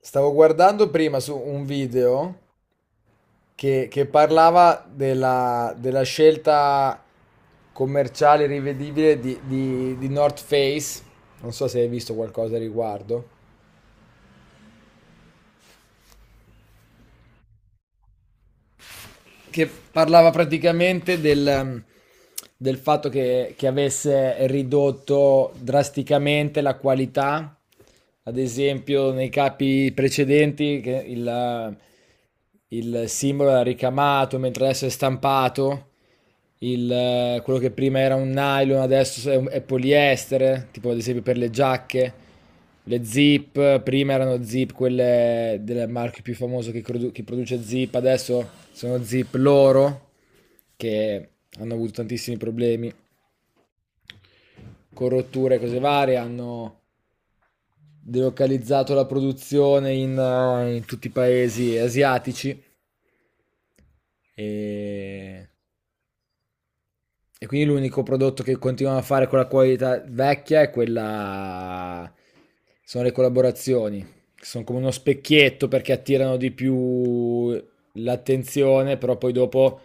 Stavo guardando prima su un video che parlava della scelta commerciale rivedibile di North Face. Non so se hai visto qualcosa a riguardo. Che parlava praticamente del, del fatto che avesse ridotto drasticamente la qualità, ad esempio nei capi precedenti che il il simbolo era ricamato, mentre adesso è stampato, il quello che prima era un nylon adesso è, è poliestere, tipo ad esempio per le giacche. Le Zip, prima erano Zip quelle del marchio più famoso che, che produce Zip, adesso sono Zip loro, che hanno avuto tantissimi problemi con rotture e cose varie, hanno delocalizzato la produzione in, in tutti i paesi asiatici e. E quindi l'unico prodotto che continuano a fare con la qualità vecchia è quella, sono le collaborazioni, che sono come uno specchietto perché attirano di più l'attenzione, però poi dopo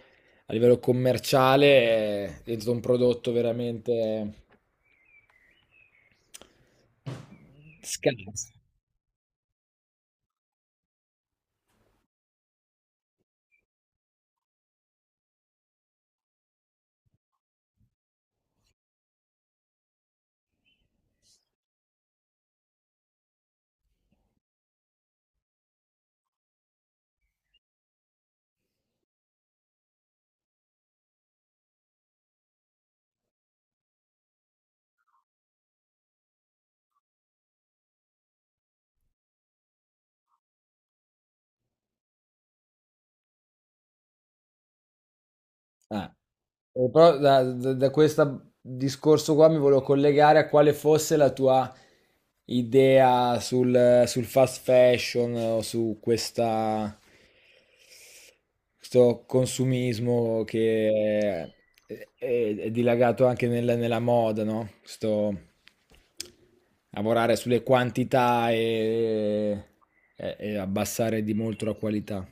a livello commerciale è diventato un prodotto veramente scarso. Eh. Però da questo discorso qua mi volevo collegare a quale fosse la tua idea sul fast fashion o su questo consumismo che è dilagato nella moda, no? Questo lavorare sulle quantità e, e abbassare di molto la qualità.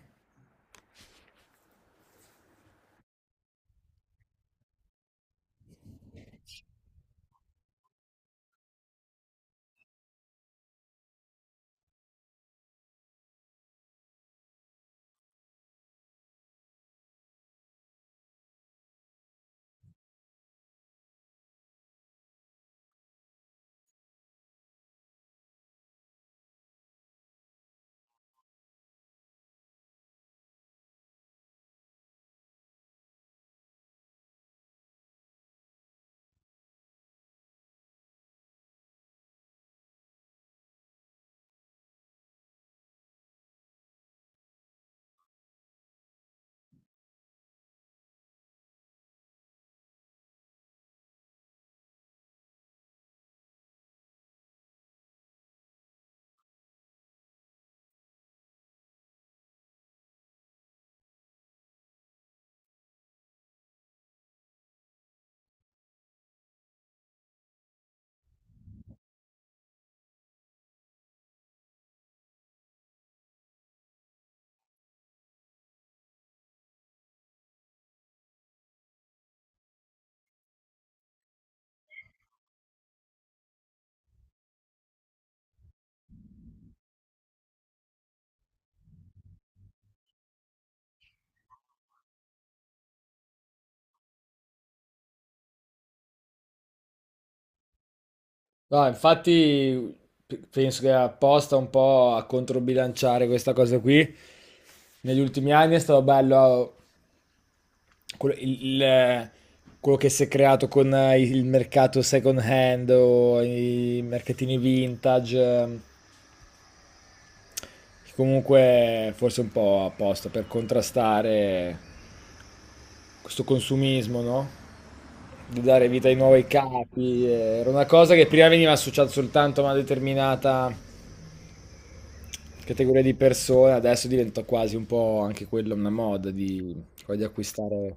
No, infatti penso che apposta un po' a controbilanciare questa cosa qui. Negli ultimi anni è stato bello quello, il- il- quello che si è creato con il mercato second hand o i mercatini vintage, che comunque forse è un po' apposta per contrastare questo consumismo, no? Di dare vita ai nuovi capi. Era una cosa che prima veniva associata soltanto a una determinata categoria di persone, adesso diventa quasi un po' anche quella una moda di, quella di acquistare.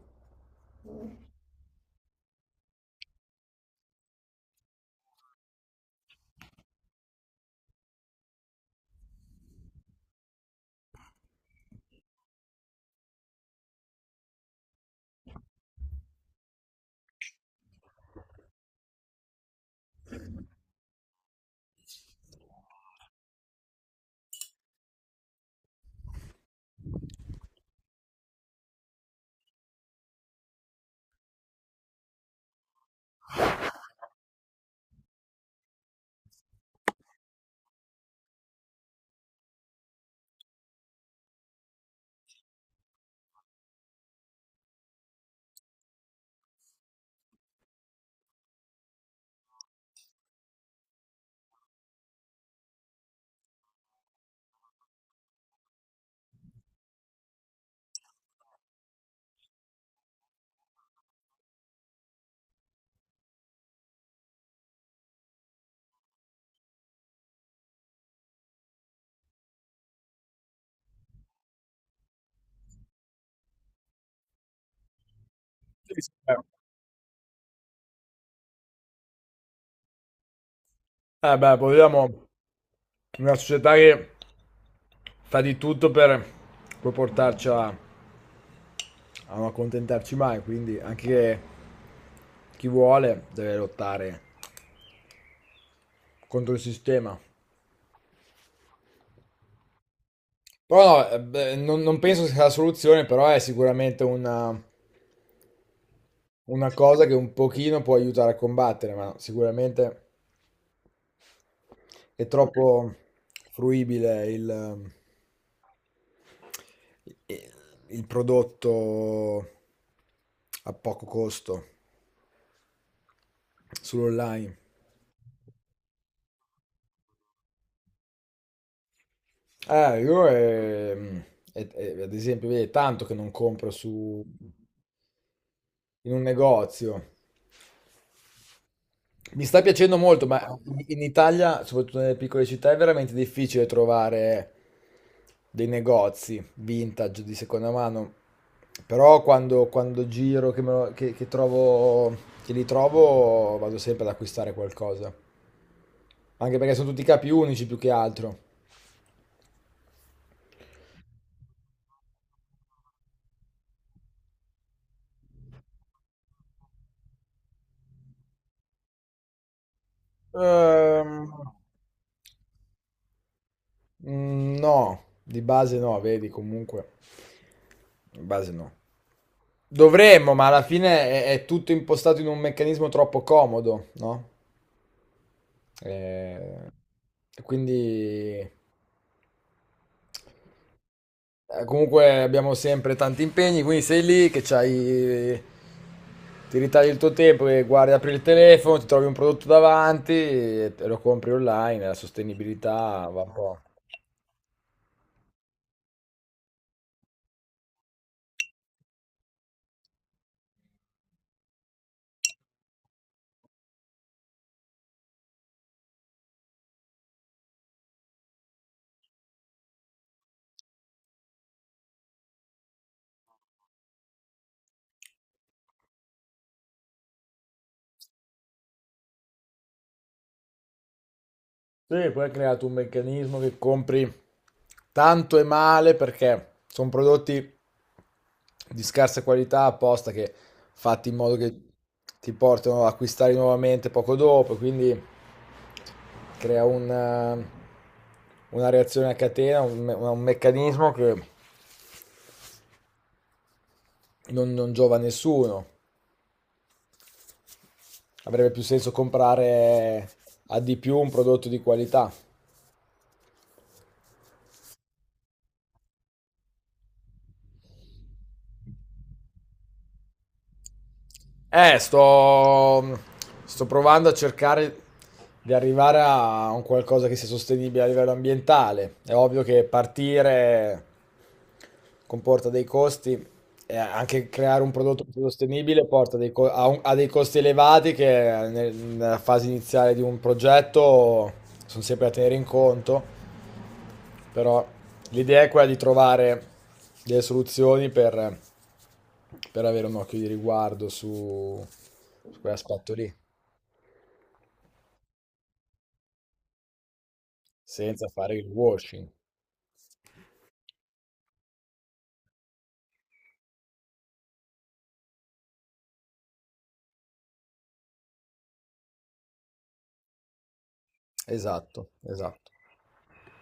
Sì, sì, beh. Eh beh, poi vediamo una società che fa di tutto per poi portarci a non accontentarci mai, quindi anche chi vuole deve lottare contro il sistema. Però no, beh, non penso sia la soluzione, però è sicuramente una cosa che un pochino può aiutare a combattere, ma sicuramente è troppo fruibile il prodotto a poco costo sull'online. Io ad esempio, vedi, è tanto che non compro su in un negozio. Mi sta piacendo molto, ma in Italia, soprattutto nelle piccole città, è veramente difficile trovare dei negozi vintage di seconda mano. Però quando giro, che, che trovo, che li trovo, vado sempre ad acquistare qualcosa. Anche perché sono tutti capi unici più che altro. Ehm, no, di base no, vedi, comunque. Di base no. Dovremmo, ma alla fine è tutto impostato in un meccanismo troppo comodo, no? Eh. E quindi comunque abbiamo sempre tanti impegni, quindi sei lì che c'hai, ti ritagli il tuo tempo e guardi, apri il telefono, ti trovi un prodotto davanti e te lo compri online, la sostenibilità va un po'. Sì, poi hai creato un meccanismo che compri tanto e male perché sono prodotti di scarsa qualità apposta che fatti in modo che ti portano a acquistare nuovamente poco dopo, quindi crea un, una reazione a catena, un meccanismo che non giova a nessuno. Avrebbe più senso comprare a di più un prodotto di qualità. Eh, sto, sto provando a cercare di arrivare a un qualcosa che sia sostenibile a livello ambientale. È ovvio che partire comporta dei costi e anche creare un prodotto più sostenibile porta dei co- a, un- a dei costi elevati che nella fase iniziale di un progetto sono sempre da tenere in conto. Però l'idea è quella di trovare delle soluzioni per avere un occhio di riguardo su quell'aspetto lì, senza fare il washing. Esatto, esatto.